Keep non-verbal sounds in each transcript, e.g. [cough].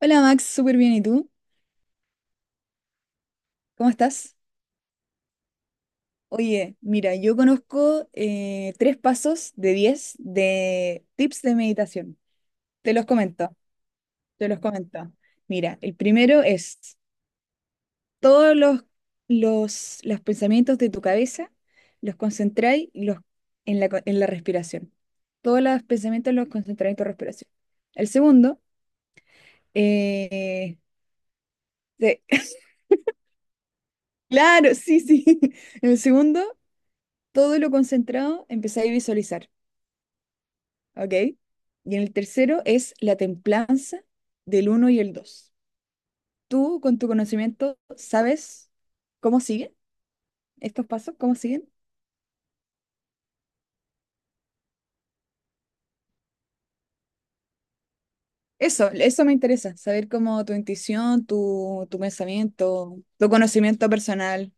Hola Max, súper bien. ¿Y tú? ¿Cómo estás? Oye, mira, yo conozco tres pasos de diez de tips de meditación. Te los comento, te los comento. Mira, el primero es todos los, los pensamientos de tu cabeza los concentráis y los, en la, co- en la respiración. Todos los pensamientos los concentráis en tu respiración. El segundo, eh, de- [laughs] claro, sí, sí. [laughs] El segundo, todo lo concentrado empezáis a visualizar. ¿Ok? Y en el tercero es la templanza del uno y el 2. Tú, con tu conocimiento, ¿sabes cómo siguen estos pasos? ¿Cómo siguen? Eso me interesa, saber cómo tu intuición, tu pensamiento, tu conocimiento personal.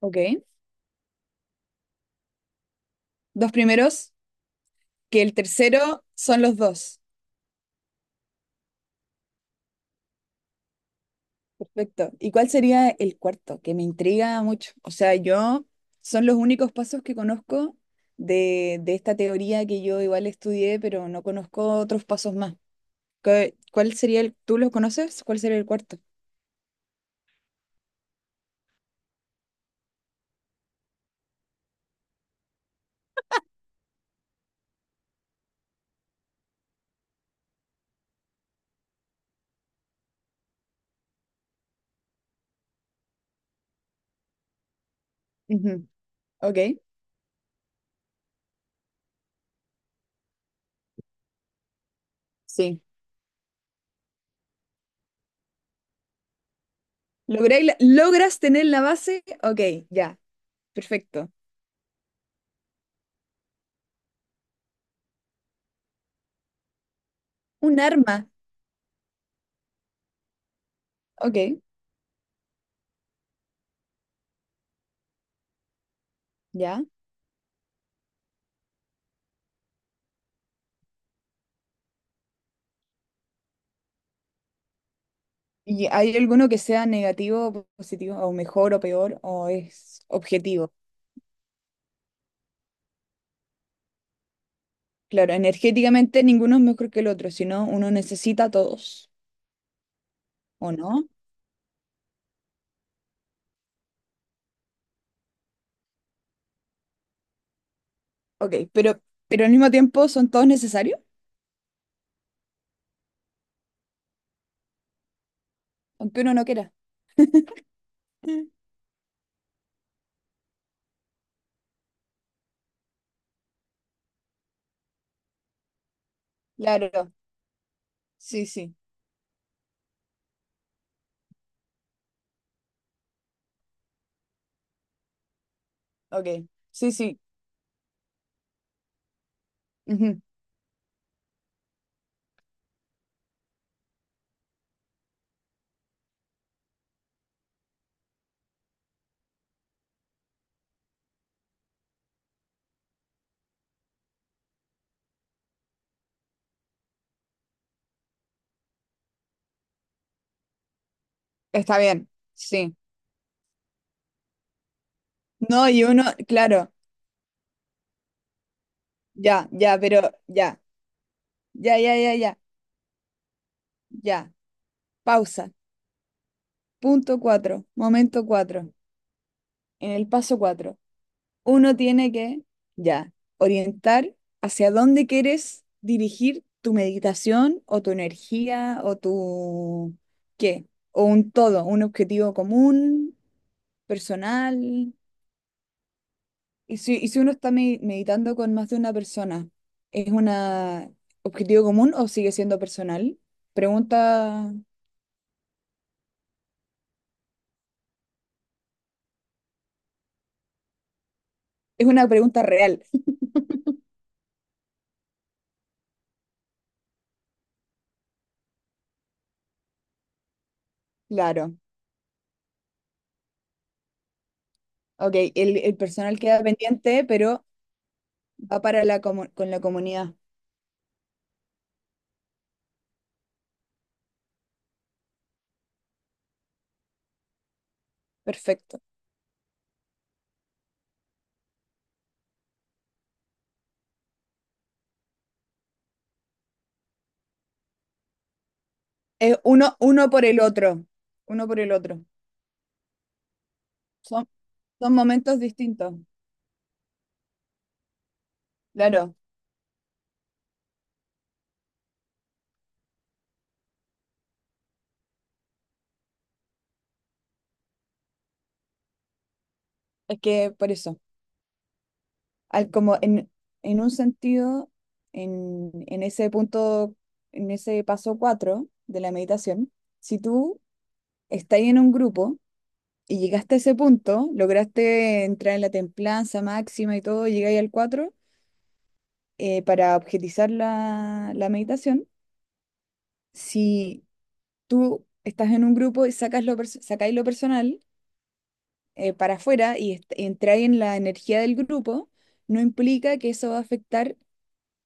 ¿Ok? Dos primeros, que el tercero son los dos. Perfecto. ¿Y cuál sería el cuarto? Que me intriga mucho. O sea, yo son los únicos pasos que conozco de esta teoría que yo igual estudié, pero no conozco otros pasos más. ¿Qué- ¿Cuál sería el, tú los conoces? ¿Cuál sería el cuarto? Ujú. Ok, sí. ¿Logras tener la base? Ok, ya, perfecto. Un arma. Ok, ya. ¿Y hay alguno que sea negativo, positivo, o mejor o peor, o es objetivo? Claro, energéticamente ninguno es mejor que el otro, sino uno necesita a todos, ¿o no? Ok, pero al mismo tiempo son todos necesarios, aunque uno no quiera. Mm. Claro, sí, sí, ok, sí, sí, ujú. Está bien, sí. No, y uno, claro, ya, ya, pero ya, ya, ya, ya, ya, ya. Pausa, punto cuatro, momento cuatro, en el paso cuatro. Uno tiene que, ya, orientar hacia dónde quieres dirigir tu meditación o tu energía o tu, ¿qué? O un todo, un objetivo común, personal. Y si uno está meditando con más de una persona, ¿es un objetivo común o sigue siendo personal? Pregunta, es una pregunta real, [laughs] claro. Ok, el personal queda pendiente, pero va para la con la comunidad. Perfecto. Es uno, uno por el otro, uno por el otro. Son, son momentos distintos. Claro, es que por eso, al como en un sentido, en ese punto, en ese paso 4 de la meditación, si tú estás en un grupo y llegaste a ese punto, lograste entrar en la templanza máxima y todo, llegáis al 4 para objetizar la, la meditación, si tú estás en un grupo y sacas sacáis lo personal, para afuera y entrar en la energía del grupo, no implica que eso va a afectar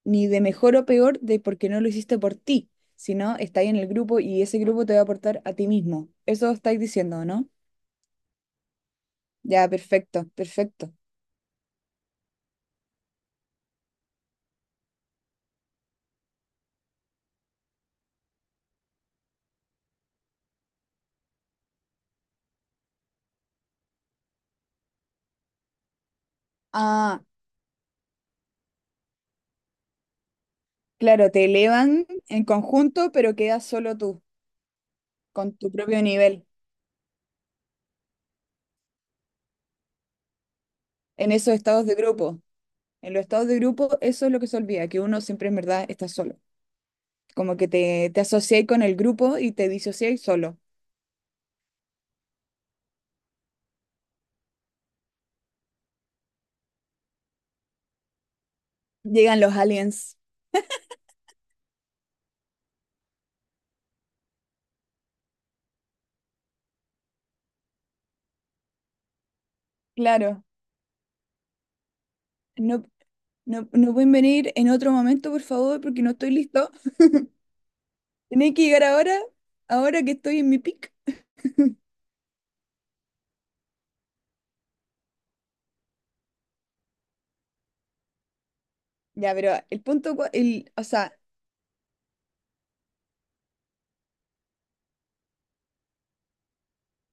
ni de mejor o peor de porque no lo hiciste por ti, sino estáis en el grupo y ese grupo te va a aportar a ti mismo. Eso estáis diciendo, ¿no? Ya, perfecto, perfecto. Ah, claro, te elevan en conjunto, pero quedas solo tú, con tu propio nivel, en esos estados de grupo. En los estados de grupo, eso es lo que se olvida, que uno siempre en verdad está solo. Como que te asociáis con el grupo y te disociáis solo. Llegan los aliens, claro. No, no, no pueden venir en otro momento, por favor, porque no estoy listo. Tenéis que llegar ahora, ahora que estoy en mi pic. Ya, pero el punto, el, o sea,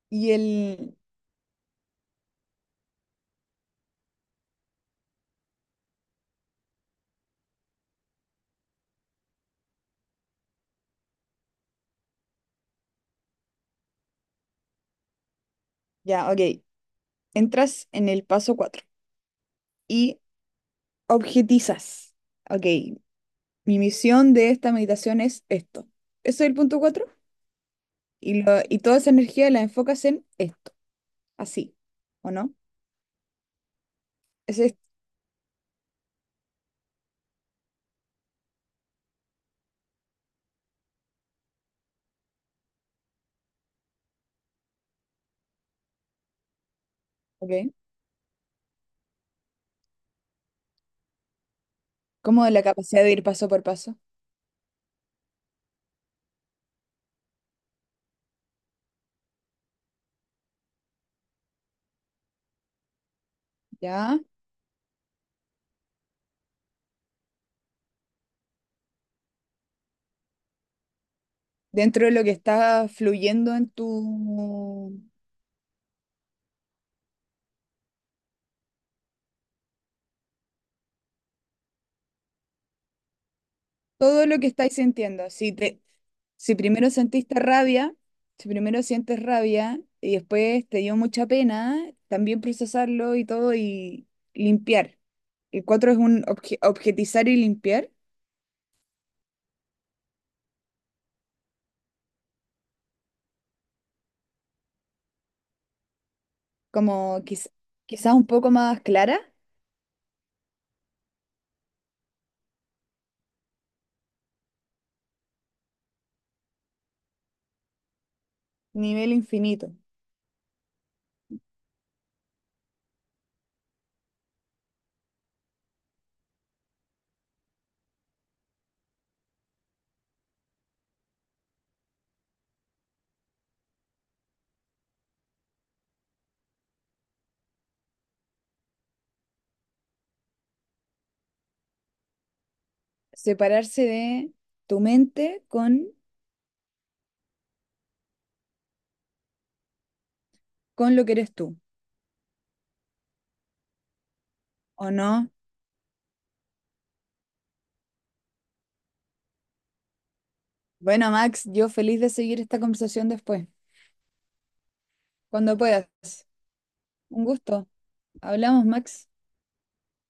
y el, ya, ok. Entras en el paso 4 y objetizas. Ok, mi misión de esta meditación es esto. Eso es el punto cuatro. Y, y toda esa energía la enfocas en esto, así, ¿o no? Es esto, ok. Como de la capacidad de ir paso por paso, ¿ya? Dentro de lo que está fluyendo en tu, todo lo que estáis sintiendo. Si primero sentiste rabia, si primero sientes rabia y después te dio mucha pena, también procesarlo y todo y limpiar. El cuatro es un objetizar y limpiar, como quizás quizás un poco más clara, nivel infinito. Separarse de tu mente con lo que eres tú, ¿o no? Bueno, Max, yo feliz de seguir esta conversación después. Cuando puedas. Un gusto. Hablamos, Max.